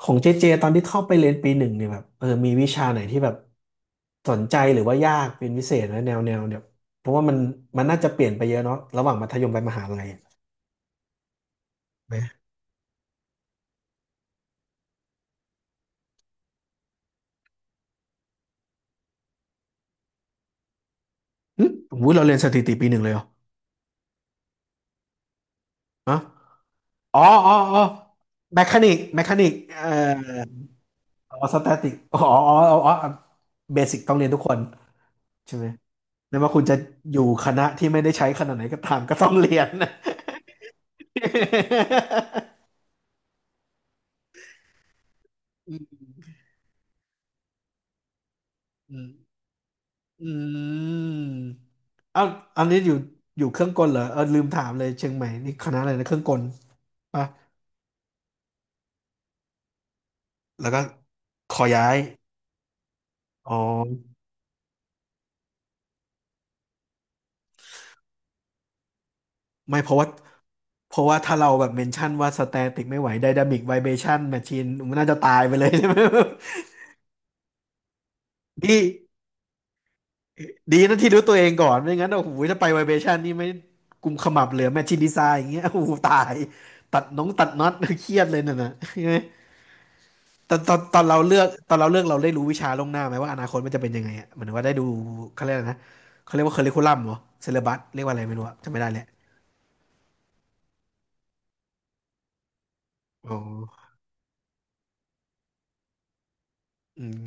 ของเจเจตอนที่เข้าไปเรียนปีหนึ่งเนี่ยแบบมีวิชาไหนที่แบบสนใจหรือว่ายากเป็นพิเศษนะแนวเนี่ยเพราะว่ามันน่าจะเปลี่ยนไปเยอะเนาะระหว่างมัธยมไปมหาลัยไหมหึอุ้ยเราเรียนสถิติปีหนึ่งเลยเหรอฮะอ๋ออ๋ออ๋อแมคานิกอ๋อสแตติกอ๋ออ๋ออ๋อเบสิกต้องเรียนทุกคนใช่ไหมไม่ว่าคุณจะอยู่คณะที่ไม่ได้ใช้ขนาดไหนก็ตามก็ต้องเรียนนะ อืม อืมเอาอันนี้อยู่อยู่เครื่องกลเหรอเออลืมถามเลยเชียงใหม่นี่คณะอะไรนะเครื่องกลปะแล้วก็ขอย้ายอ๋อไม่เพราะว่าเพราะว่าถ้าเราแบบเมนชั่นว่าสแตติกไม่ไหวไดนามิกไวเบชั่นแมชชีนมันน่าจะตายไปเลย ใช่ไหม ดีดีนะที่รู้ตัวเองก่อนไม่งั้นโอ้โหถ้าไปไวเบชั่นนี่ไม่กุมขมับเหลือแมชชีนดีไซน์อย่างเงี้ยโอ้โหตายตัดน้องตัดน็อต เครียดเลยนั่นน่ะ ใช่ไหม ตอนเราเลือกตอนเราเลือกเราได้รู้วิชาล่วงหน้าไหมว่าอนาคตมันจะเป็นยังไงอ่ะเหมือนว่าได้ดูเขาเรียกอะไรนะเขาเรียกว่าเคอริคูลัมเหรอเซเลบัสเรียกว่าอะไรไม่รู้อะจำไม่ได้แหละอ๋ออืม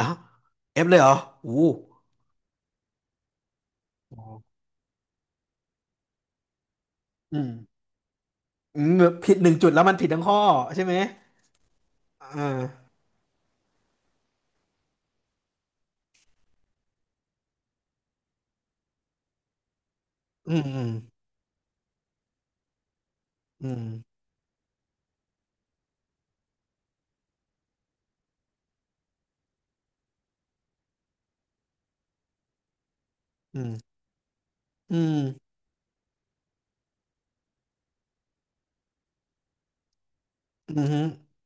อ้าวเอฟเลยเหรออู้อ๋ออืมอืมผิดหนึ่งจุดแล้วมันผิดทั้งข้อใช่ไหมอ่าอืมอืมอืมอืมอืมอืม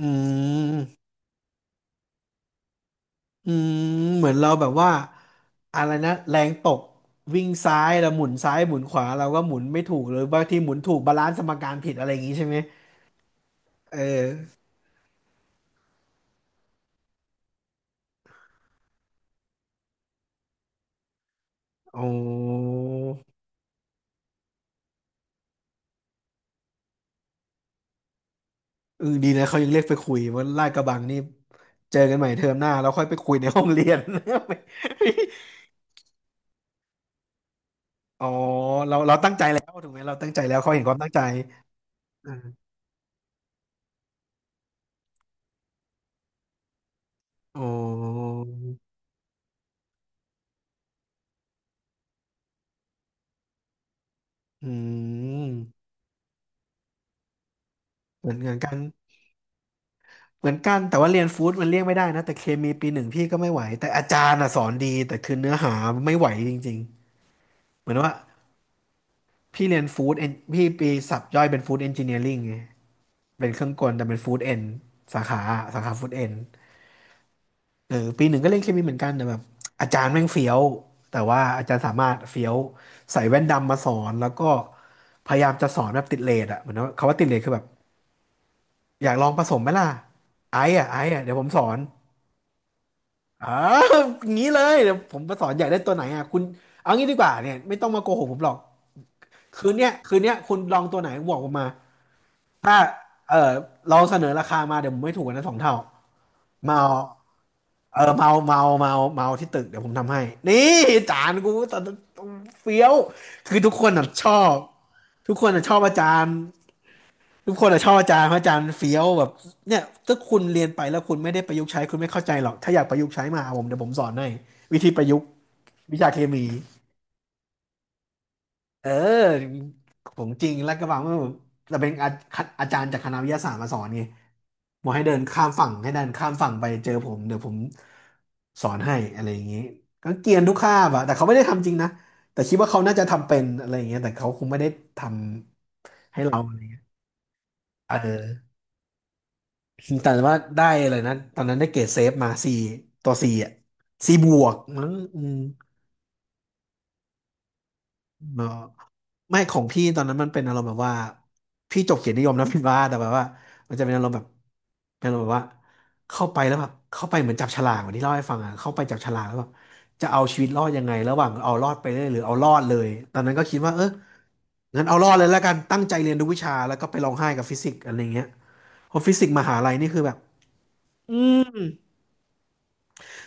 อืม อืมเหมือนเราแบบว่าอะไรนะแรงตกวิ่งซ้ายแล้วหมุนซ้ายหมุนขวาเราก็หมุนไม่ถูกหรือบางทีหมุนถูกบาลานซ์สมการผิดอะไรอย่างงี้ใช่ไหมเออโอ้เออดีนะเขายังเรียกไปคุยว่าลาดกระบังนี่เจอกันใหม่เทอมหน้าเราค่อยไปคุยในห้องเรียน อ๋อเราเราตั้งใจแล้วถูกไหมเราตั้งใจแล้วเขาเห็นความตั้งใจอ่าอ๋ออืมเหมือนเหมือนกัน เหมือนกันแต่ว่าเรียนฟู้ดมันเลี่ยงไม่ได้นะแต่เคมีปีหนึ่งพี่ก็ไม่ไหวแต่อาจารย์อ่ะสอนดีแต่คือเนื้อหาไม่ไหวจริงๆเหมือนว่าพี่เรียนฟู้ดเอนพี่ปีสับย่อยเป็นฟู้ดเอนจิเนียริงไงเป็นเครื่องกลแต่เป็นฟู้ดเอนสาขาสาขาฟู้ดเอนเออปีหนึ่งก็เรียนเคมีเหมือนกันแต่แบบอาจารย์แม่งเฟี้ยวแต่ว่าอาจารย์สามารถเฟี้ยวใส่แว่นดำมาสอนแล้วก็พยายามจะสอนแบบติดเรทอะเหมือนว่าคำว่าติดเรทคือแบบอยากลองผสมไหมล่ะไอ้อะเดี๋ยวผมสอน เอออย่างนี้เลยเดี๋ยวผมมาสอนใยญ่ได้ตัวไหนอ่ะคุณเอางี้ดีกว่าเนี่ยไม่ต้องมาโกหกผมหรอก คืนเนี้ยคุณลองตัวไหนบอกผมมา ถ้าเออเราเสนอราคามาเดี๋ยวผมไม่ถูกกว่านะสองเท่าเมาเอาเออเมาที่ตึกเดี๋ยวผมทำให้ นี่จานกูตอนเฟี้ยว คือทุกคนน่ะชอบ ทุกคนน่ะชอบอาจารย์ ทุกคนอะชอบอาจารย์เพราะอาจารย์เฟี้ยวแบบเนี่ยถ้าคุณเรียนไปแล้วคุณไม่ได้ประยุกต์ใช้คุณไม่เข้าใจหรอกถ้าอยากประยุกต์ใช้มาหาผมเดี๋ยวผมสอนให้วิธีประยุกต์วิชาเคมีเออของจริงลาดกระบังมันเราเป็นอาอาจารย์จากคณะวิทยาศาสตร์มาสอนไงบอกให้เดินข้ามฝั่งให้เดินข้ามฝั่งไปเจอผมเดี๋ยวผมสอนให้อะไรอย่างนี้ก็เกรียนทุกคาบอะแต่เขาไม่ได้ทำจริงนะแต่คิดว่าเขาน่าจะทำเป็นอะไรอย่างเงี้ยแต่เขาคงไม่ได้ทำให้เราอะไรเงี้ยเออ แต่ว่าได้เลยนะตอนนั้นได้เกรดเซฟมาสี่ตัวสี่อ่ะสี่บวกมั้งอืมเนาะไม่ของพี่ตอนนั้นมันเป็นอารมณ์แบบว่าพี่จบเกียรตินิยมนะ พี่ว่าแต่แบบว่ามันจะเป็นอารมณ์แบบเป็นอารมณ์แบบว่าเข้าไปแล้วแบบเข้าไปเหมือนจับฉลากเหมือนที่เล่าให้ฟังอ่ะเข้าไปจับฉลากแล้วแบบจะเอาชีวิตรอดยังไงระหว่างเอารอดไปเรื่อยหรือเอารอดเลยตอนนั้นก็คิดว่าเอองั้นเอารอดเลยแล้วกันตั้งใจเรียนทุกวิชาแล้วก็ไปร้องไห้กับฟิสิกส์อะไรเงี้ยเพราะฟิสิกส์มหาลัยนี่คือแบบอืม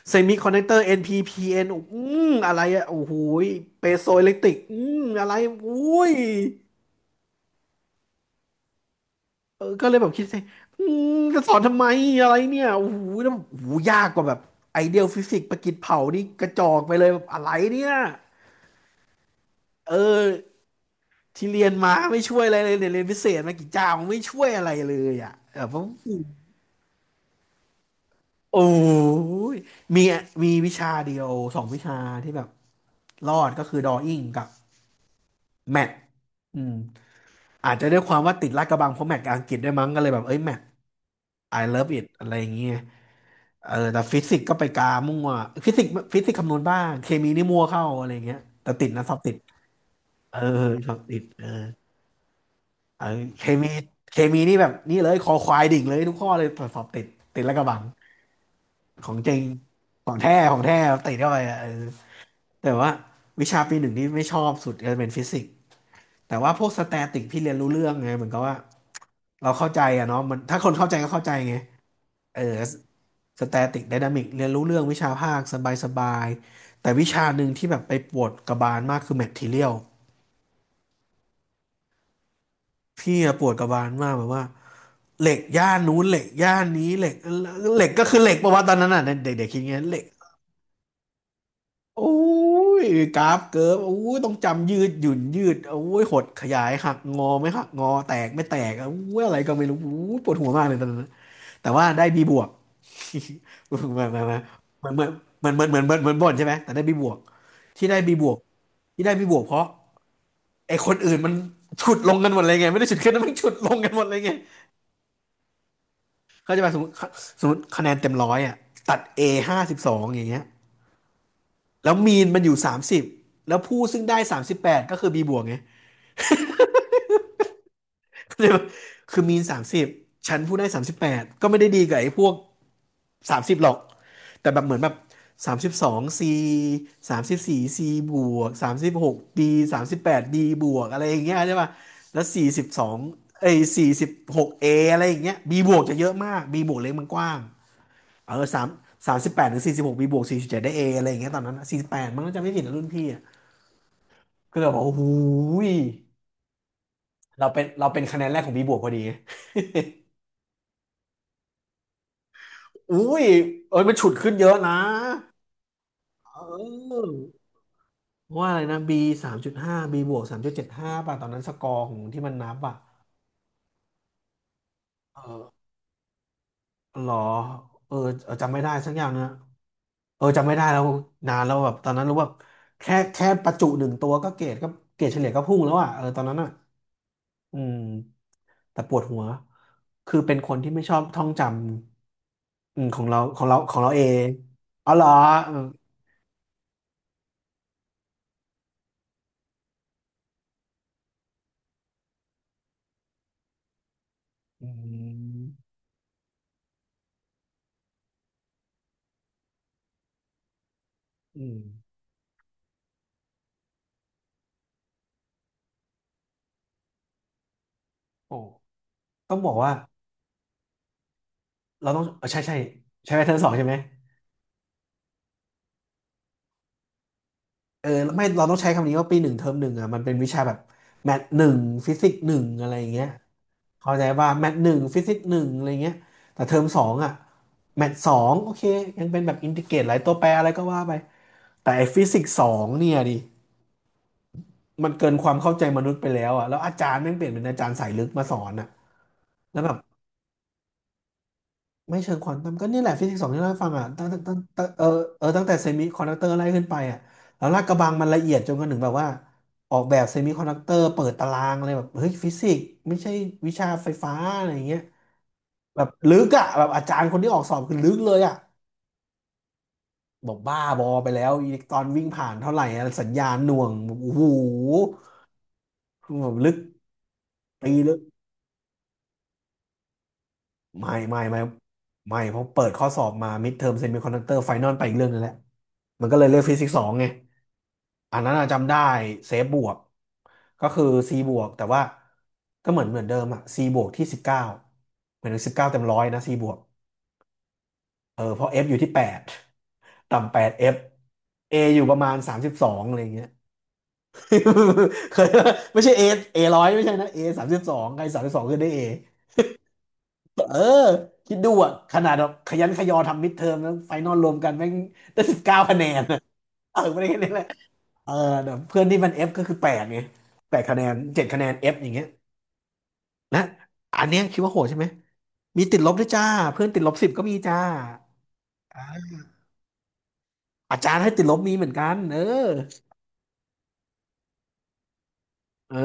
เซมิคอนดักเตอร์ NPPN อนพีพีเอ็นอือะไรอะโอ้โหยเปโซอิเล็กตริกอะไรอุ้ยเออก็เลยแบบคิดสิอืจะสอนทำไมอะไรเนี่ยโอ้โหแล้วโอ้โหยากกว่าแบบไอเดียลฟิสิกส์ประกิจเผานี่กระจอกไปเลยแบบอะไรเนี่ย เออที่เรียนมาไม่ช่วยอะไรเลยเนี่ยเรียนพิเศษมากี่เจ้าไม่ช่วยอะไรเลยอ่ะเออผมโอ้ยมีมีวิชาเดียวสองวิชาที่แบบรอดก็คือดอ w ิ n งกับแมทอืม อาจจะด้วยความว่าติดลาดกระบังเพราะแมตช์กับอังกฤษด้วยมั้งก็เลยแบบเอ้ยแมตช์ I love it อะไรอย่างเงี้ยเออแต่ฟิสิกส์ก็ไปกามั่วฟิสิกส์คำนวณบ้างเคมีนี่มั่วเข้าอะไรอย่างเงี้ยแต่ติดนะสอบติดเออสอบติดเออเออเคมีเคมีนี่แบบนี่เลยคอควายดิ่งเลยทุกข้อเลยแต่สอบติดติดลาดกระบังของจริงของแท้ติดเข้าไปอะเออแต่ว่าวิชาปีหนึ่งนี่ไม่ชอบสุดก็เป็นฟิสิกส์แต่ว่าพวกสแตติกพี่เรียนรู้เรื่องไงเหมือนกับว่าเราเข้าใจอะเนาะมันถ้าคนเข้าใจก็เข้าใจไงเออ สแตติกไดนามิกเรียนรู้เรื่องวิชาภาคสบายสบายแต่วิชาหนึ่งที่แบบไปปวดกระบาลมากคือแมททเรียลพี่อะปวดกระบาลมากแบบว่าเหล็กย่านนู้นเหล็กย่านนี้เหล็กก็คือเหล็กปะวะตอนนั้นอ่ะเด็กๆคิดอย่างเงี้ยเหล็กโอ้ยกราฟเกิร์ฟโอ้ยต้องจำยืดหยุ่นยืดโอ้ยหดขยายหักงอไม่หักงอแตกไม่แตกโอ้ยอะไรก็ไม่รู้โอ้ยปวดหัวมากเลยตอนนั้นแต่ว่าได้บีบวก เห มือนเหมือนเหมือนบ่นใช่ไหมแต่ได้บีบวกที่ได้บีบวกที่ได้บีบวกเพราะไอ้คนอื่นมันฉุดลงกันหมดเลยไงไม่ได้ฉุดขึ้นนะมันฉุดลงกันหมดเลยไงเขาจะมาสมมติคะแนนเต็มร้อยอ่ะตัด A 52อย่างเงี้ยแล้วมีนมันอยู่สามสิบแล้วผู้ซึ่งได้สามสิบแปดก็คือบีบวกไง เข้าใจปะคือมีนสามสิบฉันผู้ได้สามสิบแปดก็ไม่ได้ดีกับไอ้พวก สามสิบหรอกแต่แบบเหมือนแบบ32ซี34ซีบวก36ดีสามสิบแปดดีบวกอะไรอย่างเงี้ยใช่ป่ะแล้ว42เอ้ยสี่สิบหกเออะไรอย่างเงี้ยบีบวกจะเยอะมากบีบวกเล็กมันกว้างเออสามสิบแปดถึงสี่สิบหกบีบวก47ได้เออะไรอย่างเงี้ยตอนนั้น48มันก็จะไม่ผิดนะรุ่นพี่อะก็เลยบอกโอ้โหยเราเป็นคะแนนแรกของบีบวกพอดีอุ้ยเอ้ยมันฉุดขึ้นเยอะนะเออ ว่าอะไรนะบี3.5บีบวก3.75ป่ะตอนนั้นสกอร์ของที่มันนับอ่ะเออหรอเออเออจำไม่ได้สักอย่างนะเออจำไม่ได้แล้วนานแล้วแบบตอนนั้นรู้ว่าแค่ประจุหนึ่งตัวก็เกรดก็เกรดเฉลี่ยก็พุ่งแล้วอ่ะเออตอนนั้นอ่ะอืมแต่ปวดหัวคือเป็นคนที่ไม่ชอบท่องจำของเราเองอ๋อเหรอเอออืมอืมโอ้ต้องบอกว่าเราต้องเออใช่ใช่ใช่ไหมเทอมสองใช่ไหม เออไม่เราต้องใช้คำนี้ว่าปีหนึ่งเทอมหนึ่งอ่ะมันเป็นวิชาแบบแมทหนึ่งฟิสิกส์หนึ่งอะไรอย่างเงี้ยเข้าใจว่าแมทหนึ่งฟิสิกส์หนึ่งอะไรเงี้ยแต่เทอมสองอ่ะแมทสองโอเคยังเป็นแบบอินทิเกรตหลายตัวแปรอะไรก็ว่าไปแต่ไอ้ฟิสิกส์สองเนี่ยดิมันเกินความเข้าใจมนุษย์ไปแล้วอ่ะแล้วอาจารย์แม่งเปลี่ยนเป็นอาจารย์สายลึกมาสอนอ่ะแล้วแบบ ไม่เชิงควอนตัมก็นี่แหละฟิสิกส์สองที่เราให้ฟังอ่ะตั้งเออเออตั้งแต่เซมิคอนดักเตอร์ไล่ขึ้นไปอ่ะแล้วลากกระบังมันละเอียดจนกระทั่งแบบว่าออกแบบเซมิคอนดักเตอร์เปิดตารางอะไรแบบเฮ้ยฟิสิกส์ไม่ใช่วิชาไฟฟ้าอะไรอย่างเงี้ยแบบลึกอ่ะแบบอาจารย์คนที่ออกสอบคือลึกเลยอ่ะบอกบ้าบอไปแล้วอิเล็กตรอนวิ่งผ่านเท่าไหร่อะสัญญาณหน่วงแบบโอ้โหแบบลึกตีลึกไม่ไม่เพราะเปิดข้อสอบมามิดเทอมเซมิคอนดักเตอร์ไฟนอลไปอีกเรื่องนึงแล้วมันก็เลยเรียกฟิสิกส์สองไง อันนั้นอะจำได้เซฟบวกก็คือ C บวกแต่ว่าก็เหมือนเดิมอะ C บวกที่19เหมือน19เต็มร้อยนะ C บวกเออเพราะ F อยู่ที่8ต่ำ8 F A อยู่ประมาณ32อะไรอย่างเงี้ย เคยไม่ใช่ A A ร้อยไม่ใช่นะ A สามสิบสองใคร32ขึ้นได้ A เออคิดดูอะขนาดแบบขยันขยอทำมิดเทอมแล้วไฟนอลรวมกันแม่งได้สิบเก้าคะแนนอะเออไม่ได้แค่นี้ เออแต่เพื่อนที่มันเฟก็คือแปดไงแปดคะแนน7คะแนนเอฟอย่างเงี้ยนะอันเนี้ยคิดว่าโหดใช่ไหมมีติดลบด้วยจ้าเพื่อนติดลบสิบก็มีจ้าอ่าอาจารย์ให้ติดลบมีเหมือนกันเออเออ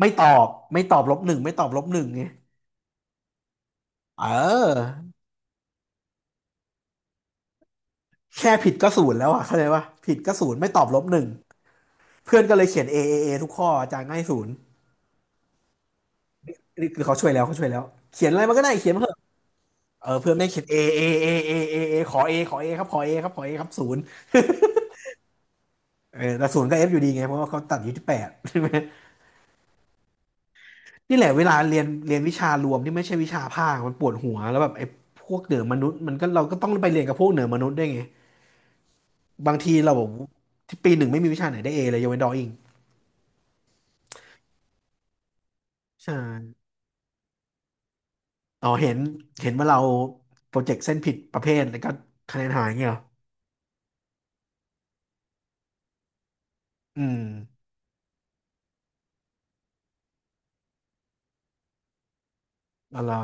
ไม่ตอบไม่ตอบลบหนึ่งไม่ตอบลบหนึ่งไงเออแค่ผิดก็ศูนย์แล้วอะเข้าใจปะผิดก็ศูนย์ไม่ตอบลบหนึ่งเพื่อนก็เลยเขียนเอเอเอทุกข้ออาจารย์ง่ายศูนย์นี่คือเขาช่วยแล้วเขาช่วยแล้วเขียนอะไรมันก็ได้เขียนมาเถอะเออเพื่อนแม่งเขียน A A A A A A ขอ A ขอ A ครับขอ A ครับขอ A ครับศูนย์ เออแต่ศูนย์ก็เอฟอยู่ดีไงเพราะว่าเขาตัดอยู่ที่แปดใช่ไหมนี่แหละเวลาเรียนวิชารวมที่ไม่ใช่วิชาภาคมันปวดหัวแล้วแบบไอ้พวกเหนือมนุษย์มันก็เราก็ต้องไปเรียนกับพวกเหนือมนุษย์ได้วยไงบางทีเราที่ปีหนึ่งไม่มีวิชาไหนได้เอเลยยกเว้นดออิงใช่อ๋อเห็นว่าเราโปรเจกต์เส้นผิดประเภทแล้วก็คะแนนหายเงี้ยเหรออืมอ๋อเหรอ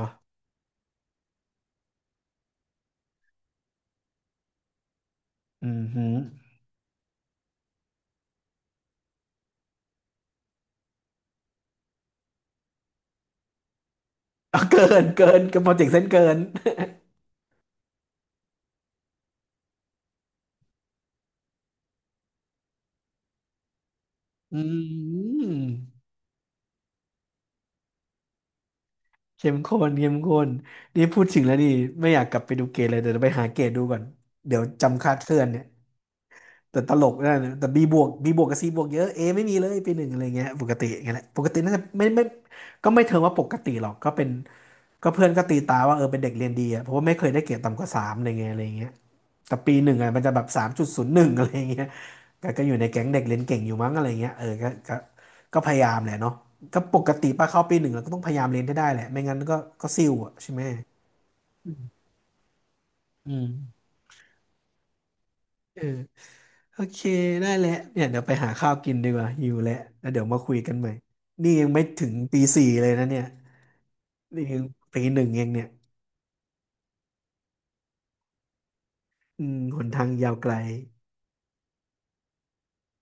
อืมหืมเอาเกินกับโปรเจกต์เส้นเกิน อืม เข้มข้นเข้มข้นนี่พูดถึงแล้วนี่ไม่อยากกลับไปดูเกตเลย เดี๋ยวไปหาเกตดูก่อน เดี๋ยวจำคาดเคลื่อนเนี่ย แต่ตลกได้นะแต่ B บวก B บวกกับ C บวกเยอะ A ไม่มีเลยปีหนึ่งอะไรเงี้ยปกติอย่างเงี้ยแหละปกติน่าจะไม่ไม่ก็ไม่เทิงว่าปกติหรอกก็เป็นก็เพื่อนก็ตีตาว่าเออเป็นเด็กเรียนดีอ่ะเพราะว่าไม่เคยได้เกรดต่ำกว่าสามอะไรเงี้ยอะไรเงี้ยแต่ปีหนึ่งอ่ะมันจะแบบ3.01อะไรเงี้ยก็อยู่ในแก๊งเด็กเรียนเก่งอยู่มั้งอะไรเงี้ยเออก็พยายามแหละเนาะก็ปกติป้าเข้าปีหนึ่งเราก็ต้องพยายามเรียนให้ได้แหละไม่งั้นก็ซิ่วอ่ะใช่ไหมอืมเออ โอเคได้แหละเนี่ยเดี๋ยวไปหาข้าวกินดีกว่าหิวแล้วเดี๋ยวมาคุยกันใหม่ นี่ยังไม่ถึงตี 4เลยนะเนี่ยนี่ยังตี 1เองเนี่ยอืมหนทางยาวไกล